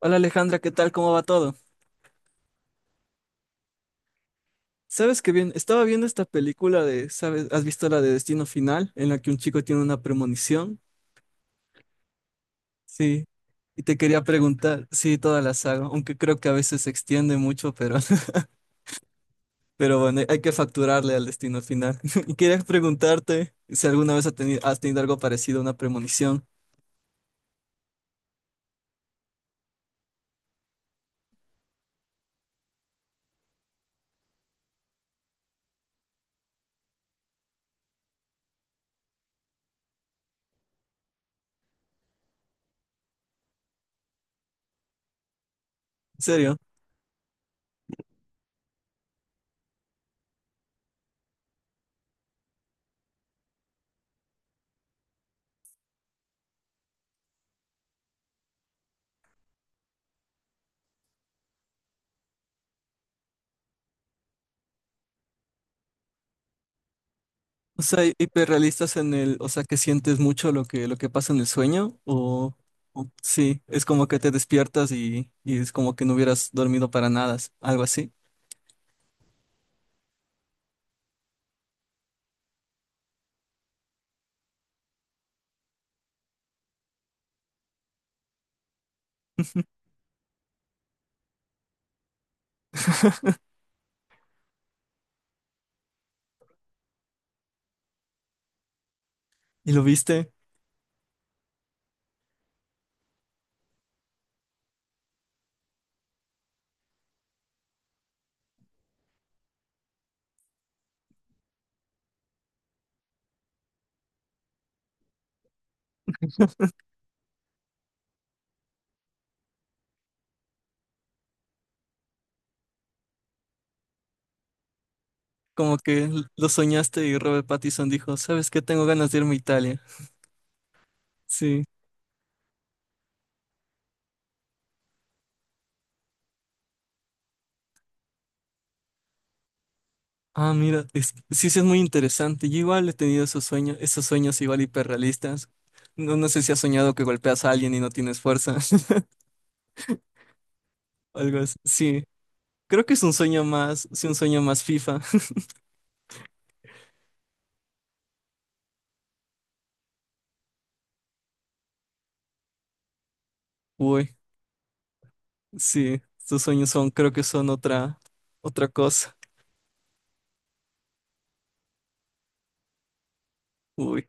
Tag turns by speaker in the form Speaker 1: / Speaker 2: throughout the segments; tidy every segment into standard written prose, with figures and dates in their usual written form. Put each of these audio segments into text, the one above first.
Speaker 1: Hola Alejandra, ¿qué tal? ¿Cómo va todo? Sabes que bien, estaba viendo esta película de, ¿sabes? ¿Has visto la de Destino Final? En la que un chico tiene una premonición. Sí. Y te quería preguntar, sí, toda la saga, aunque creo que a veces se extiende mucho, pero, pero bueno, hay que facturarle al Destino Final. Y quería preguntarte si alguna vez has tenido algo parecido a una premonición. ¿En serio? O sea, hiperrealistas en el, o sea, que sientes mucho lo que pasa en el sueño, o sí, es como que te despiertas y es como que no hubieras dormido para nada, algo así. ¿Y lo viste? Como que lo soñaste y Robert Pattinson dijo, ¿sabes qué? Tengo ganas de irme a Italia. Sí. Ah, mira, es, sí, sí es muy interesante. Yo igual he tenido esos sueños igual hiperrealistas. No, no sé si has soñado que golpeas a alguien y no tienes fuerza. O algo así. Sí, creo que es un sueño más, sí, un sueño más FIFA. Uy, sí, estos sueños son, creo que son otra, otra cosa. Uy,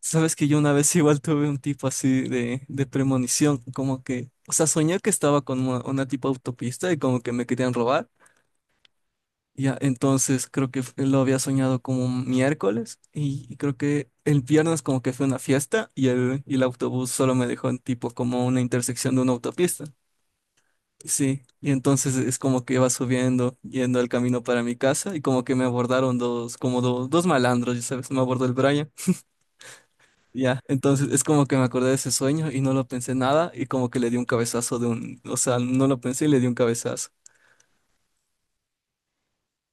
Speaker 1: sabes que yo una vez igual tuve un tipo así de premonición, como que, o sea, soñé que estaba con una tipo autopista y como que me querían robar. Ya, entonces creo que lo había soñado como un miércoles y creo que el viernes como que fue una fiesta y el autobús solo me dejó en tipo como una intersección de una autopista. Sí, y entonces es como que iba subiendo, yendo al camino para mi casa y como que me abordaron dos, como dos malandros, ya sabes, me abordó el Brian. Ya, entonces es como que me acordé de ese sueño y no lo pensé nada y como que le di un cabezazo de un, o sea, no lo pensé y le di un cabezazo.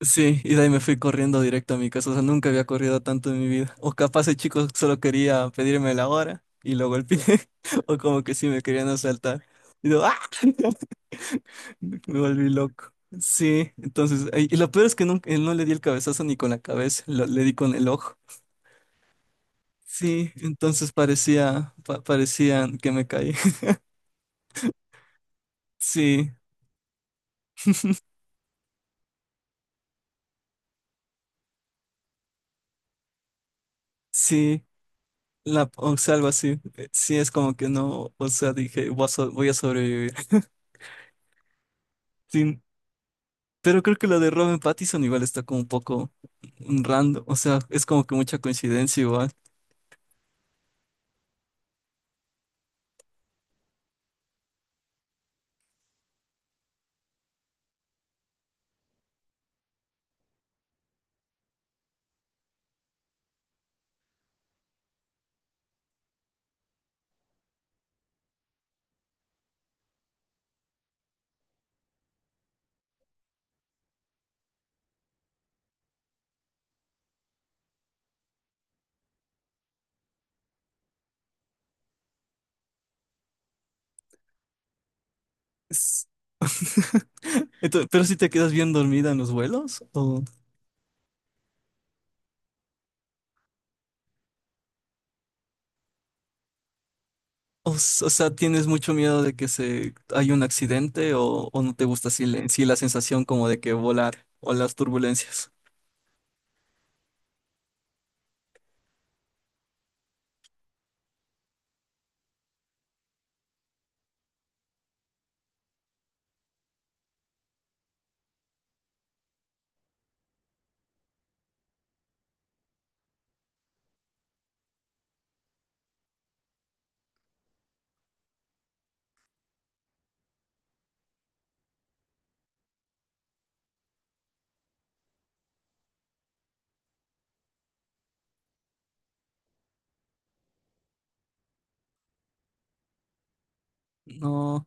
Speaker 1: Sí, y de ahí me fui corriendo directo a mi casa. O sea, nunca había corrido tanto en mi vida. O capaz el chico solo quería pedirme la hora y lo golpeé. O como que sí me querían asaltar. Y yo, ¡ah! Me volví loco. Sí, entonces, y lo peor es que nunca, no le di el cabezazo ni con la cabeza, le di con el ojo. Sí, entonces parecía, parecía que me caí. Sí, sí, la, o sea, algo así. Sí, es como que no, o sea, dije, voy a sobrevivir. Sí, pero creo que lo de Robin Pattinson igual está como un poco random, o sea, es como que mucha coincidencia igual. Es- Entonces, pero si te quedas bien dormida en los vuelos, o, o sea, tienes mucho miedo de que se haya un accidente o no te gusta así, en sí la sensación como de que volar o las turbulencias. No,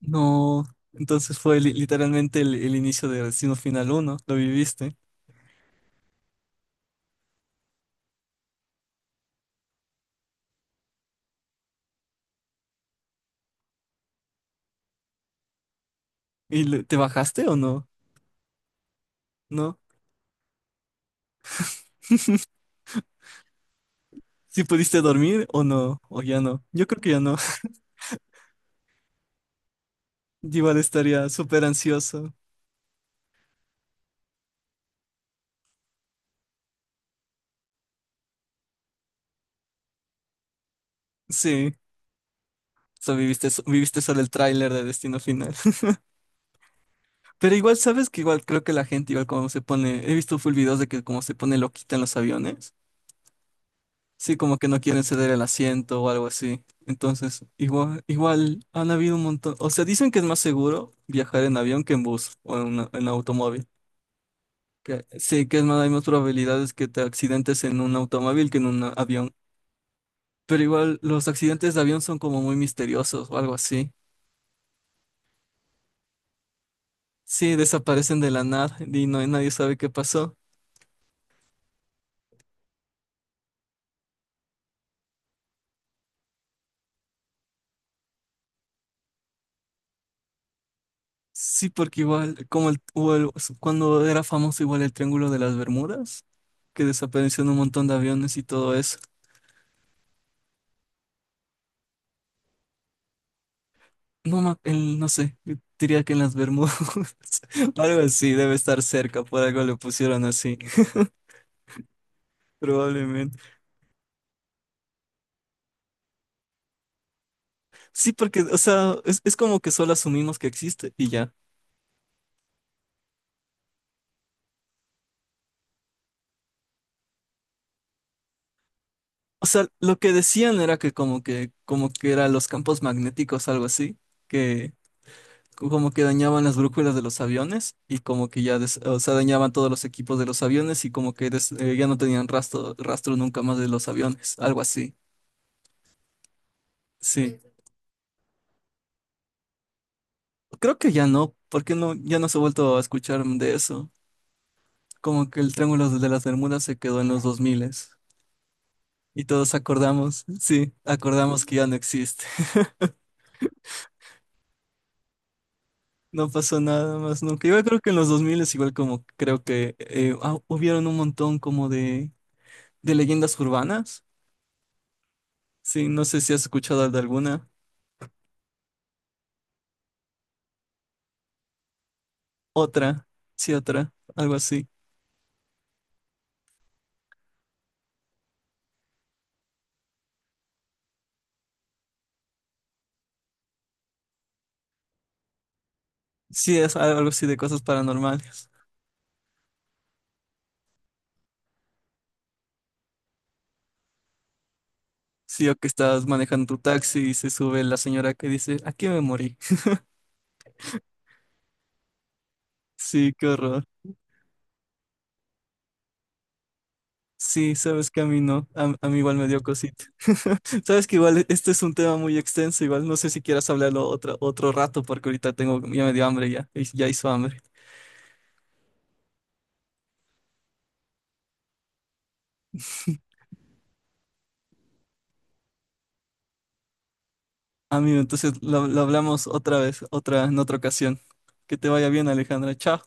Speaker 1: no. Entonces fue literalmente el inicio de Destino Final uno lo viviste. ¿Y te bajaste o no? No. ¿Si pudiste dormir o no? ¿O ya no? Yo creo que ya no. Igual estaría súper ansioso. Sí, so viviste, viviste solo el tráiler de Destino Final. Pero igual, ¿sabes que igual creo que la gente igual como se pone? He visto full videos de que como se pone loquita en los aviones. Sí, como que no quieren ceder el asiento o algo así. Entonces, igual, igual han habido un montón. O sea, dicen que es más seguro viajar en avión que en bus o en, en automóvil. Que, sí, que es más, hay más probabilidades que te accidentes en un automóvil que en un avión. Pero igual los accidentes de avión son como muy misteriosos o algo así. Sí, desaparecen de la nada y no, nadie sabe qué pasó. Sí, porque igual, como el, cuando era famoso igual el Triángulo de las Bermudas, que desaparecieron un montón de aviones y todo eso. No, no sé, yo diría que en las Bermudas, algo así, debe estar cerca, por algo le pusieron así, probablemente. Sí, porque, o sea, es como que solo asumimos que existe y ya. O sea, lo que decían era que como que, como que eran los campos magnéticos, algo así, que como que dañaban las brújulas de los aviones y como que ya, o sea, dañaban todos los equipos de los aviones y como que ya no tenían rastro, rastro nunca más de los aviones, algo así. Sí, creo que ya no, porque no, ya no se ha vuelto a escuchar de eso. Como que el Triángulo de las Bermudas se quedó en los 2000 y todos acordamos, sí, acordamos que ya no existe. No pasó nada más nunca. Igual creo que en los 2000 es igual como creo que hubieron un montón como de leyendas urbanas. Sí, no sé si has escuchado de alguna. Otra, sí, otra, algo así. Sí, es algo así de cosas paranormales. Sí, o que estás manejando tu taxi y se sube la señora que dice, aquí me morí. Sí, qué horror. Sí, sabes que a mí no, a mí igual me dio cosita. Sabes que igual este es un tema muy extenso, igual no sé si quieras hablarlo otro, otro rato porque ahorita tengo, ya me dio hambre ya, ya hizo hambre. Amigo, entonces lo hablamos otra vez, otra, en otra ocasión. Que te vaya bien, Alejandra. Chao.